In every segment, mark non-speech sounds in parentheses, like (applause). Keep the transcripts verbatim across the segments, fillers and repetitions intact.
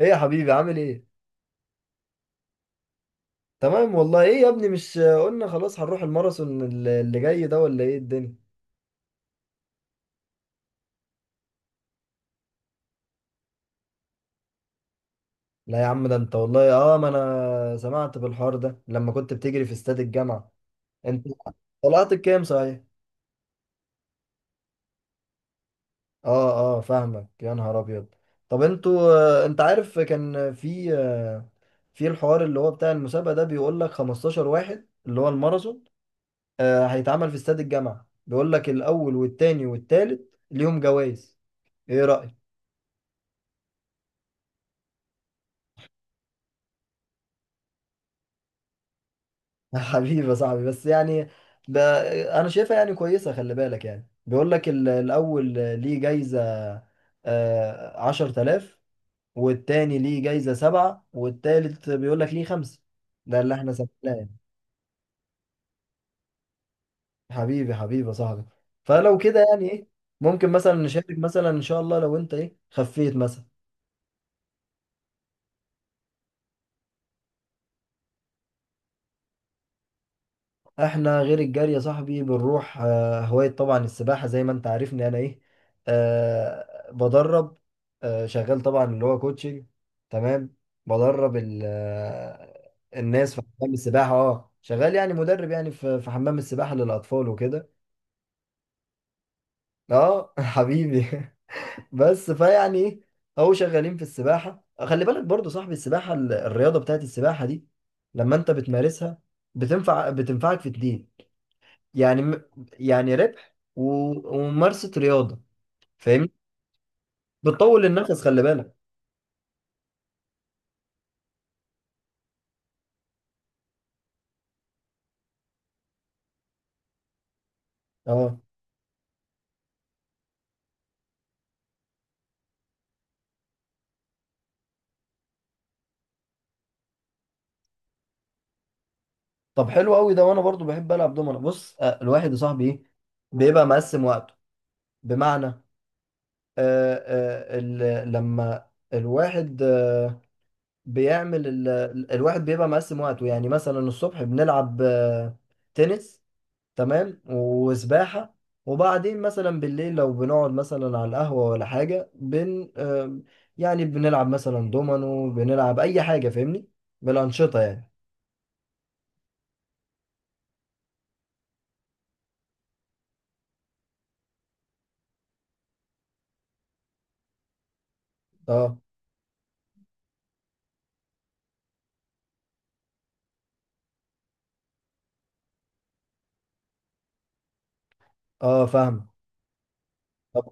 ايه يا حبيبي، عامل ايه؟ تمام والله. ايه يا ابني، مش قلنا خلاص هنروح الماراثون ال- اللي جاي ده، ولا ايه الدنيا؟ لا يا عم، ده انت والله. اه، ما انا سمعت بالحوار ده لما كنت بتجري في استاد الجامعة. انت طلعت الكام صحيح؟ اه اه، فاهمك يا نهار ابيض. طب انتوا، آه، انت عارف كان في، آه، في الحوار اللي هو بتاع المسابقة ده، بيقول لك خمستاشر واحد اللي هو الماراثون، آه، هيتعمل في استاد الجامعة. بيقول لك الاول والتاني والتالت ليهم جوائز. ايه رأيك؟ حبيبي يا صاحبي، بس يعني ب... انا شايفها يعني كويسه. خلي بالك، يعني بيقول لك ال- الاول ليه جايزه آه، عشرة آلاف، والتاني ليه جايزه سبعة، والتالت بيقول لك ليه خمسة. ده اللي احنا سمعناه. يعني حبيبي حبيبي يا صاحبي، فلو كده يعني ايه، ممكن مثلا نشارك، مثلا ان شاء الله لو انت ايه، خفيت مثلا. احنا غير الجري يا صاحبي بنروح آه، هواية، طبعا السباحة، زي ما انت عارفني انا ايه. أه بدرب، أه شغال طبعا، اللي هو كوتشنج. تمام. بدرب ال- آه، الناس في حمام السباحة. اه شغال، يعني مدرب يعني في في حمام السباحة للأطفال وكده. اه (laughs) حبيبي (laughs) بس فيعني ايه، اهو شغالين في السباحة. خلي بالك برضو صاحبي، السباحة، ال- الرياضة بتاعت السباحة دي لما انت بتمارسها بتنفع بتنفعك في اتنين. يعني م- يعني ربح و- وممارسة رياضة. فاهمني؟ بتطول النفس، خلي بالك. اه، طب حلو قوي ده. وانا برضو بحب العب دومنة. بص آه، الواحد يا صاحبي ايه، بيبقى مقسم وقته. بمعنى آه آه ال- لما الواحد آه بيعمل ال- الواحد بيبقى مقسم وقته. يعني مثلا الصبح بنلعب آه تنس، تمام، وسباحة. وبعدين مثلا بالليل، لو بنقعد مثلا على القهوة ولا حاجة، بن آم، يعني بنلعب مثلا دومينو، بنلعب أي حاجة. فاهمني؟ بالأنشطة يعني. اه اه فاهم. طب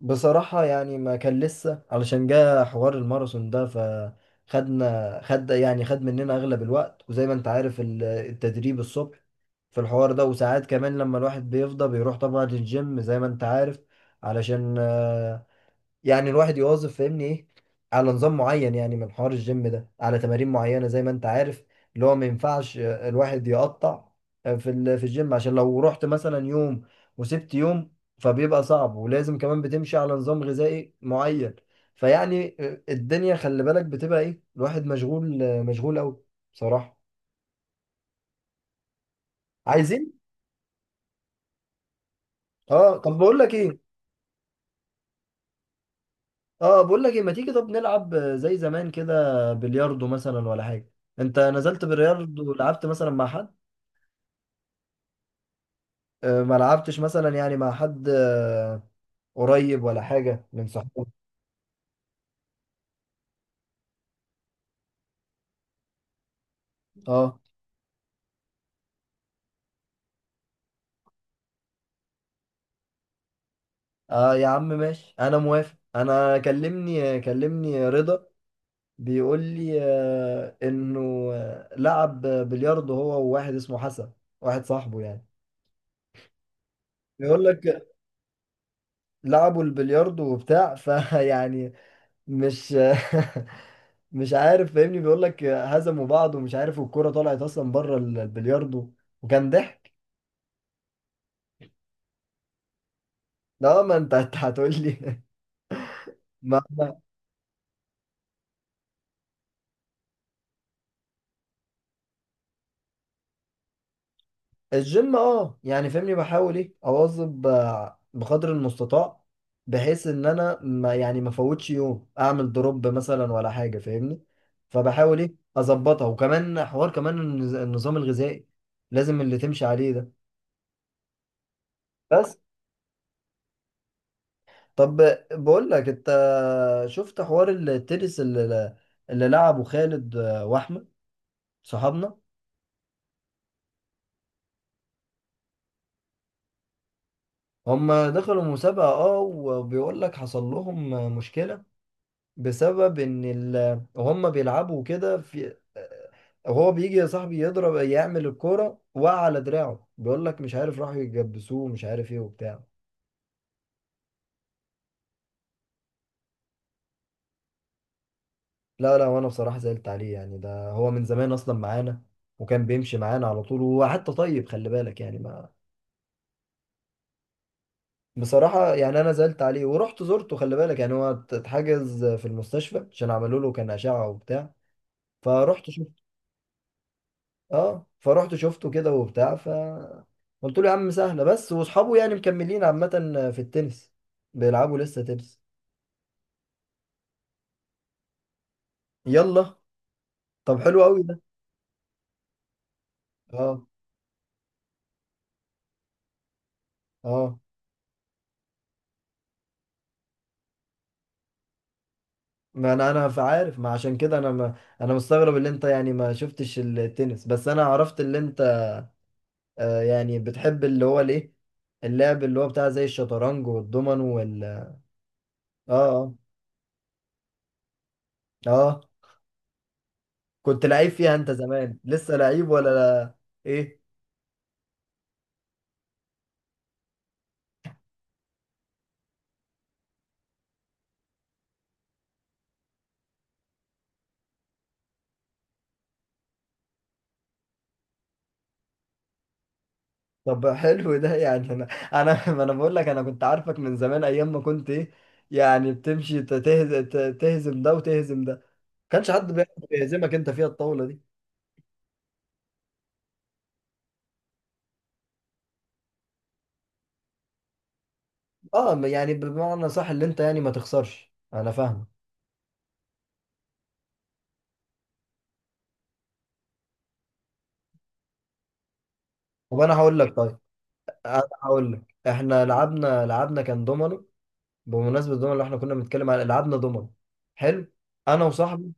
بصراحة يعني ما كان لسه، علشان جه حوار الماراثون ده، فخدنا خد يعني خد مننا أغلب الوقت. وزي ما أنت عارف ال- التدريب الصبح في الحوار ده، وساعات كمان لما الواحد بيفضى بيروح طبعا للجيم، زي ما أنت عارف، علشان آه، يعني الواحد يواظب، فاهمني ايه، على نظام معين. يعني من حوار الجيم ده، على تمارين معينة زي ما انت عارف، اللي هو ما ينفعش آه، الواحد يقطع آه، في ال- في الجيم. عشان لو رحت مثلا يوم وسبت يوم، فبيبقى صعب. ولازم كمان بتمشي على نظام غذائي معين. فيعني آه، الدنيا خلي بالك بتبقى ايه، الواحد مشغول آه، مشغول قوي بصراحة. عايزين، اه طب بقول لك ايه، اه بقول لك ايه، ما تيجي طب نلعب زي زمان كده، بلياردو مثلا ولا حاجه. انت نزلت بلياردو، لعبت مثلا مع حد آه، ما لعبتش مثلا يعني مع حد آه، قريب ولا حاجه من صحابك؟ اه اه يا عم ماشي، انا موافق. انا كلمني كلمني رضا، بيقول لي آه، انه آه، لعب بلياردو هو وواحد اسمه حسن، واحد صاحبه يعني. بيقول لك لعبوا البلياردو وبتاع (laughs) فيعني مش (laughs) مش عارف. فاهمني؟ بيقول لك هزموا بعض ومش عارف، والكرة طلعت اصلا بره ال- البلياردو، وكان ضحك. لا ما انت (laughs) أنت هتقول لي. (laughs) ما ما- الجيم، اه يعني فاهمني، بحاول ايه اواظب آه، بقدر المستطاع، بحيث ان انا ما يعني ما فوتش يوم اعمل دروب مثلا ولا حاجة. فاهمني؟ فبحاول ايه اظبطها، وكمان حوار، كمان النز- النظام الغذائي لازم اللي تمشي عليه ده. بس، طب بقول لك انت، شفت حوار التنس اللي، اللي لعبه خالد واحمد صحابنا؟ هم دخلوا مسابقة، اه، وبيقول لك حصل لهم مشكلة، بسبب ان ال... هم بيلعبوا كده. في هو بيجي يا صاحبي يضرب يعمل الكورة، وقع على دراعه، بيقول لك مش عارف راحوا يجبسوه مش عارف ايه وبتاع. لا لا، وانا بصراحة زعلت عليه. يعني ده هو من زمان اصلا معانا، وكان بيمشي معانا على طول، وهو حتى طيب، خلي بالك يعني. بصراحة يعني أنا زعلت عليه، ورحت زرته. خلي بالك يعني هو ات- اتحجز في المستشفى، عشان عملوا له كان أشعة وبتاع. فرحت شفت. اه فرحت شفته كده وبتاع، ف قلت له يا عم سهلة. بس وأصحابه يعني مكملين عامة في التنس، بيلعبوا لسه تنس. يلا طب حلو قوي ده. اه اه، ما انا انا ف- عارف. ما عشان كده انا، ما انا مستغرب اللي انت يعني ما شفتش التنس، بس انا عرفت اللي انت آه، يعني بتحب اللي هو الايه، اللعب اللي هو بتاع زي الشطرنج والضمن. اه اه اه، كنت لعيب فيها انت زمان، لسه لعيب ولا لا؟ ايه، طب حلو ده. يعني انا انا (laughs) ما انا بقول لك، انا كنت عارفك من زمان، ايام ما كنت ايه، يعني بتمشي تهزم، تهزم ده وتهزم ده. ما كانش حد بيعرف يهزمك انت فيها الطاولة دي. اه م- يعني بمعنى صح، اللي انت يعني ما تخسرش. انا فاهمك. طب انا هقول لك، طيب انا هقول لك احنا لعبنا لعبنا كان دومينو. بمناسبة الدومينو، اللي احنا كنا بنتكلم على، لعبنا دومينو حلو انا وصاحبي.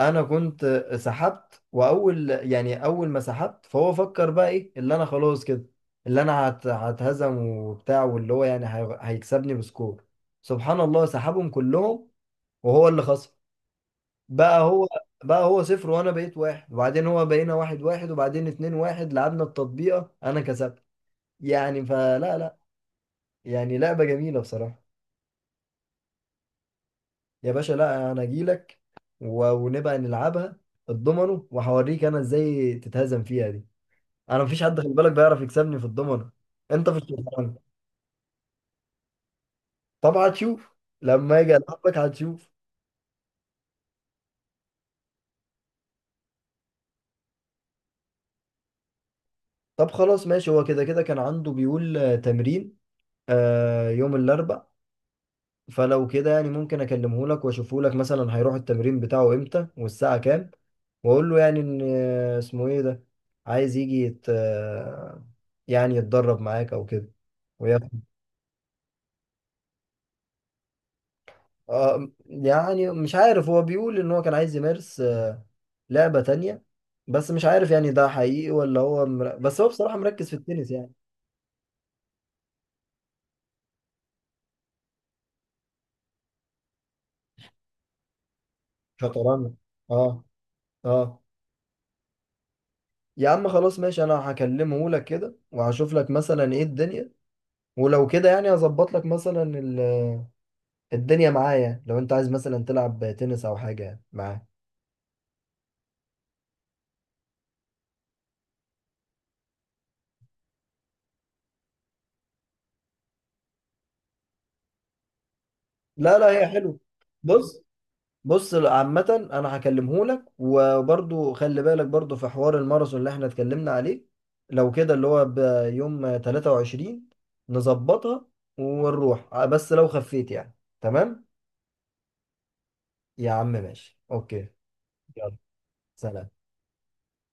انا كنت سحبت، واول يعني اول ما سحبت فهو فكر بقى ايه، اللي انا خلاص كده، اللي انا هت هتهزم وبتاع، واللي هو يعني هي- هيكسبني بسكور. سبحان الله، سحبهم كلهم وهو اللي خسر. بقى هو بقى هو صفر، وانا بقيت واحد، وبعدين هو بقينا واحد واحد، وبعدين اتنين واحد لعبنا التطبيقة انا كسبت. يعني فلا لا، يعني لعبة جميلة بصراحة. يا باشا لا، انا اجيلك و- ونبقى نلعبها الضمنه، وهوريك انا ازاي تتهزم فيها دي. انا مفيش حد خلي بالك بيعرف يكسبني في الضمنه، انت في الشطرنج. طب هتشوف لما اجي العبك، هتشوف. طب خلاص ماشي، هو كده كده كان عنده بيقول آه، تمرين آه يوم الاربع. فلو كده يعني ممكن اكلمه لك واشوفه لك مثلا هيروح التمرين بتاعه امتى والساعه كام، واقول له يعني ان آه، اسمه ايه ده عايز يجي يت... آه، يعني يتدرب معاك او كده وياخد. آه، يعني مش عارف، هو بيقول ان هو كان عايز يمارس آه، لعبة تانية. بس مش عارف يعني ده حقيقي ولا هو مر... بس هو بصراحة مركز في التنس يعني. شطرنج. اه اه يا عم خلاص ماشي، انا هكلمه لك كده وهشوف لك مثلا ايه الدنيا. ولو كده يعني هظبط لك مثلا ال... الدنيا معايا، لو انت عايز مثلا تلعب تنس او حاجة معاه. لا لا، هي حلو. بص بص، عامة أنا هكلمه لك. وبرضو خلي بالك، برضو في حوار الماراثون اللي احنا اتكلمنا عليه، لو كده اللي هو بيوم تلاتة وعشرين نظبطها ونروح. بس لو خفيت يعني. تمام. يا عم ماشي، أوكي. يلا سلام.